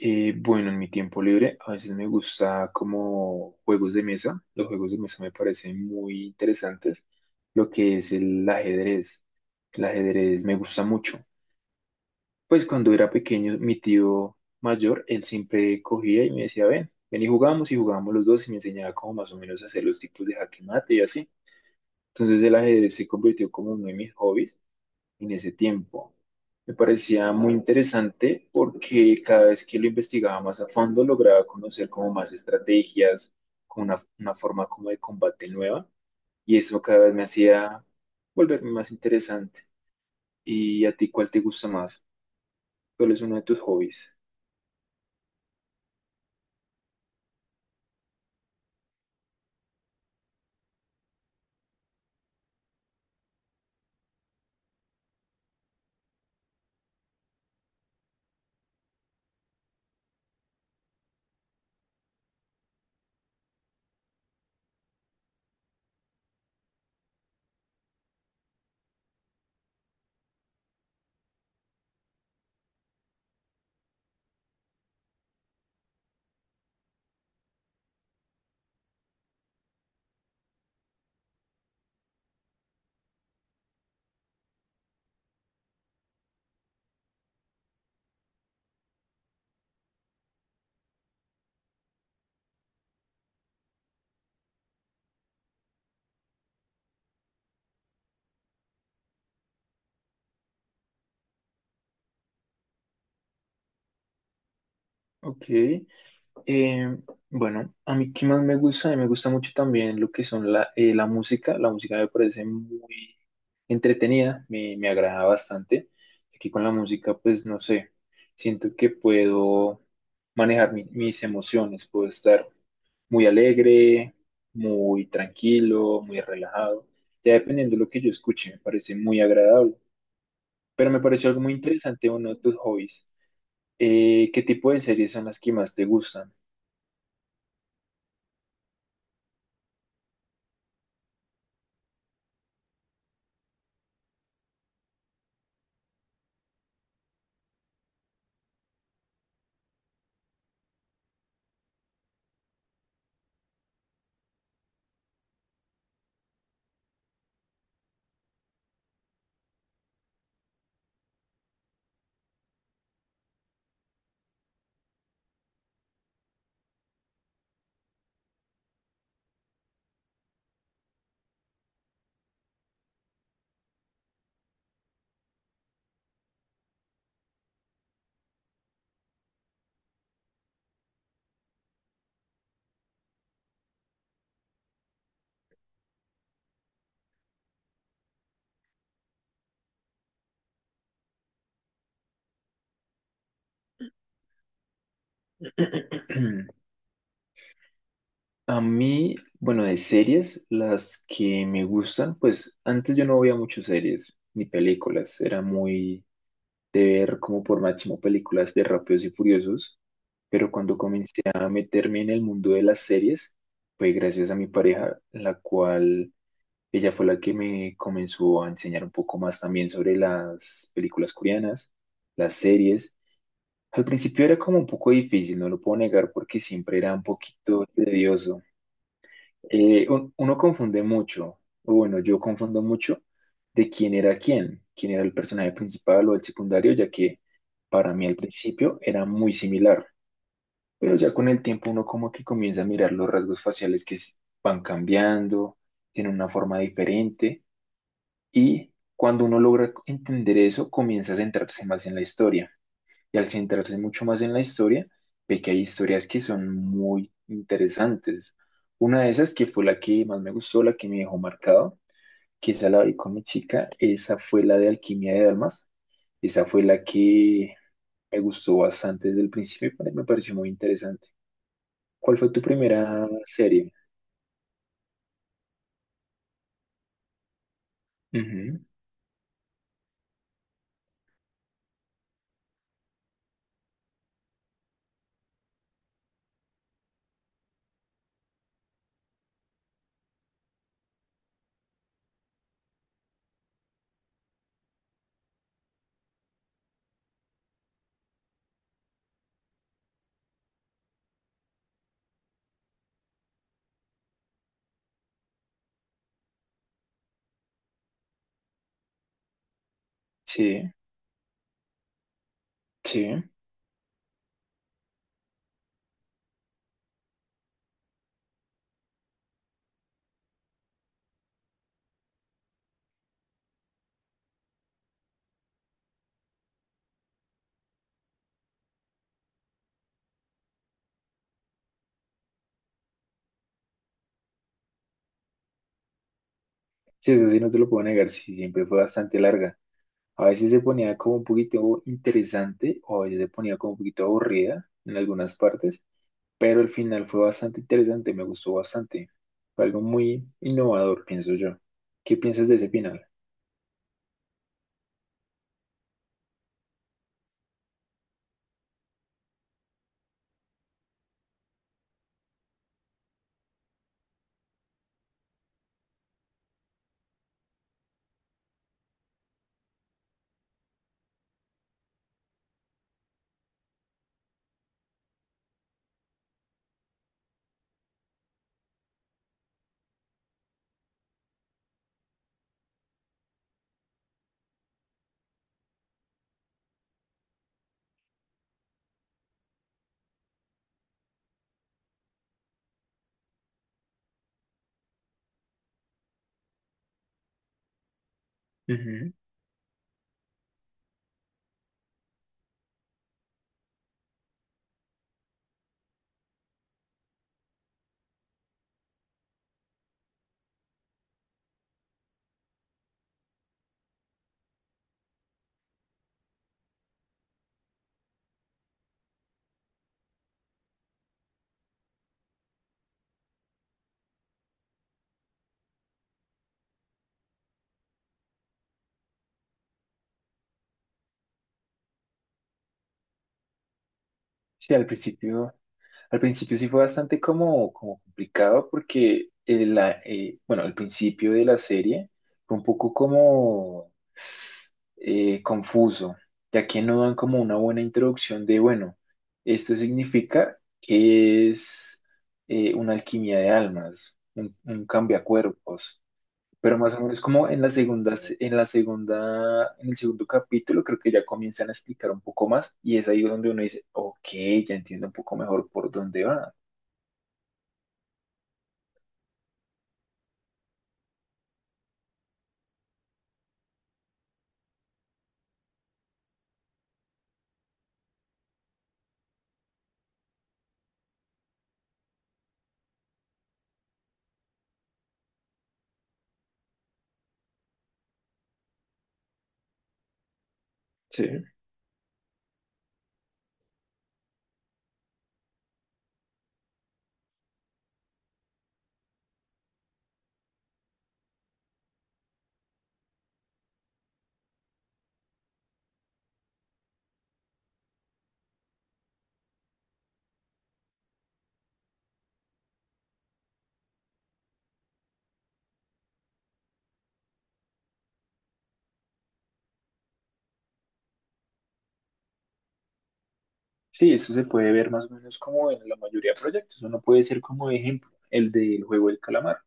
Bueno, en mi tiempo libre a veces me gusta como juegos de mesa. Los juegos de mesa me parecen muy interesantes. Lo que es el ajedrez. El ajedrez me gusta mucho. Pues cuando era pequeño, mi tío mayor, él siempre cogía y me decía, ven, ven y jugamos y jugábamos los dos y me enseñaba como más o menos a hacer los tipos de jaque mate y así. Entonces el ajedrez se convirtió como uno de mis hobbies en ese tiempo. Me parecía muy interesante porque cada vez que lo investigaba más a fondo lograba conocer como más estrategias, como una forma como de combate nueva y eso cada vez me hacía volverme más interesante. ¿Y a ti cuál te gusta más? ¿Cuál es uno de tus hobbies? Ok. Eh, bueno, a mí qué más me gusta, a mí me gusta mucho también lo que son la, la música me parece muy entretenida, me agrada bastante. Aquí con la música, pues no sé, siento que puedo manejar mis emociones, puedo estar muy alegre, muy tranquilo, muy relajado, ya dependiendo de lo que yo escuche, me parece muy agradable. Pero me pareció algo muy interesante uno de tus hobbies. ¿Qué tipo de series son las que más te gustan? A mí, bueno, de series, las que me gustan, pues antes yo no veía muchas series ni películas, era muy de ver como por máximo películas de Rápidos y Furiosos, pero cuando comencé a meterme en el mundo de las series, fue gracias a mi pareja, la cual ella fue la que me comenzó a enseñar un poco más también sobre las películas coreanas, las series. Al principio era como un poco difícil, no lo puedo negar, porque siempre era un poquito tedioso. Uno confunde mucho, o bueno, yo confundo mucho de quién era quién, quién era el personaje principal o el secundario, ya que para mí al principio era muy similar. Pero ya con el tiempo uno como que comienza a mirar los rasgos faciales que van cambiando, tienen una forma diferente. Y cuando uno logra entender eso, comienza a centrarse más en la historia. Y al centrarse mucho más en la historia, ve que hay historias que son muy interesantes. Una de esas, que fue la que más me gustó, la que me dejó marcado, que esa la vi con mi chica, esa fue la de Alquimia de Almas. Esa fue la que me gustó bastante desde el principio y me pareció muy interesante. ¿Cuál fue tu primera serie? Ujú. Sí, sí. Sí, eso sí, no te lo puedo negar, sí, siempre fue bastante larga. A veces se ponía como un poquito interesante o a veces se ponía como un poquito aburrida en algunas partes, pero el final fue bastante interesante, me gustó bastante. Fue algo muy innovador, pienso yo. ¿Qué piensas de ese final? Ujú. Sí, al principio. Al principio sí fue bastante como, como complicado porque al principio de la serie fue un poco como confuso, ya que no dan como una buena introducción de, bueno, esto significa que es una alquimia de almas, un cambiacuerpos. Pero más o menos como en la en la segunda, en el segundo capítulo, creo que ya comienzan a explicar un poco más y es ahí donde uno dice, ok, ya entiendo un poco mejor por dónde va. Sí, sí, eso se puede ver más o menos como en la mayoría de proyectos. Uno puede ser como ejemplo el del juego del calamar,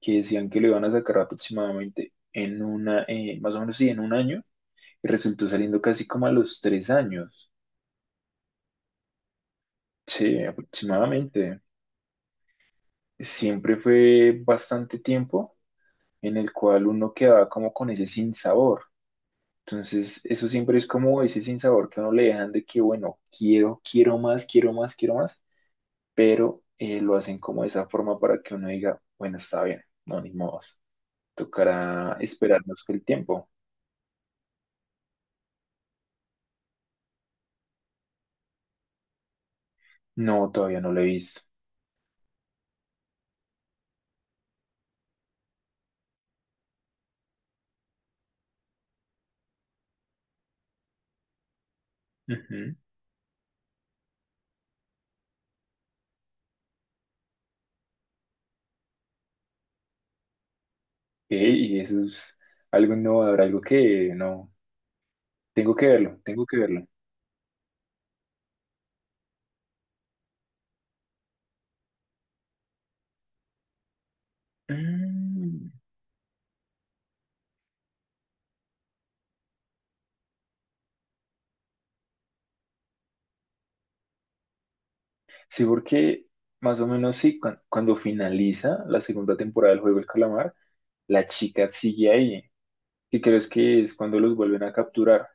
que decían que lo iban a sacar aproximadamente en una, más o menos sí, en un año, y resultó saliendo casi como a los 3 años. Sí, aproximadamente. Siempre fue bastante tiempo en el cual uno quedaba como con ese sinsabor. Entonces, eso siempre es como ese sinsabor que a uno le dejan de que, bueno, quiero más, pero lo hacen como de esa forma para que uno diga, bueno, está bien, no, ni modos, tocará esperarnos que el tiempo. No, todavía no lo he visto. Ujú. Y eso es algo innovador, algo que no, tengo que verlo. Mm. Sí, porque más o menos sí, cuando finaliza la segunda temporada del juego El Calamar, la chica sigue ahí. ¿Qué crees que es cuando los vuelven a capturar?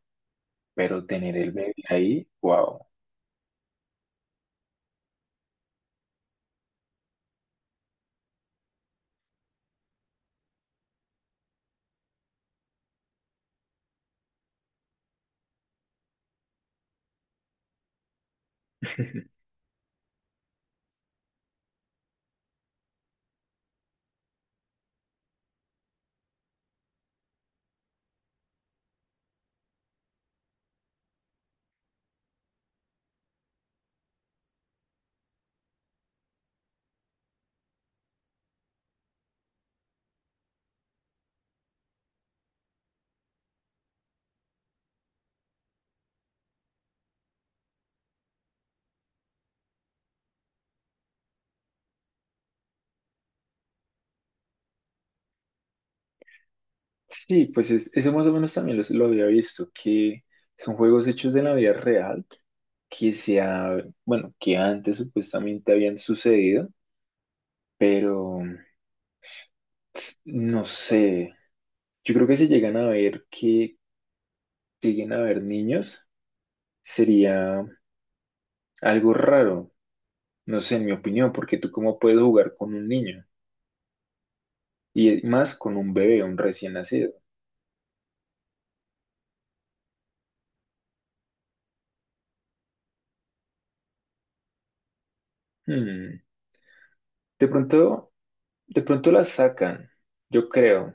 Pero tener el bebé ahí, wow. Sí, pues eso más o menos también lo había visto, que son juegos hechos de la vida real, que se ha, bueno, que antes supuestamente habían sucedido, pero no sé. Yo creo que si llegan a ver que lleguen a ver niños, sería algo raro, no sé, en mi opinión, porque tú cómo puedes jugar con un niño más con un bebé, un recién nacido. Hmm. De pronto, de pronto la sacan, yo creo,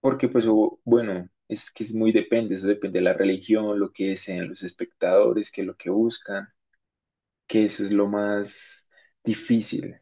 porque pues es que es muy depende, eso depende de la religión, lo que desean los espectadores, que es lo que buscan, que eso es lo más difícil.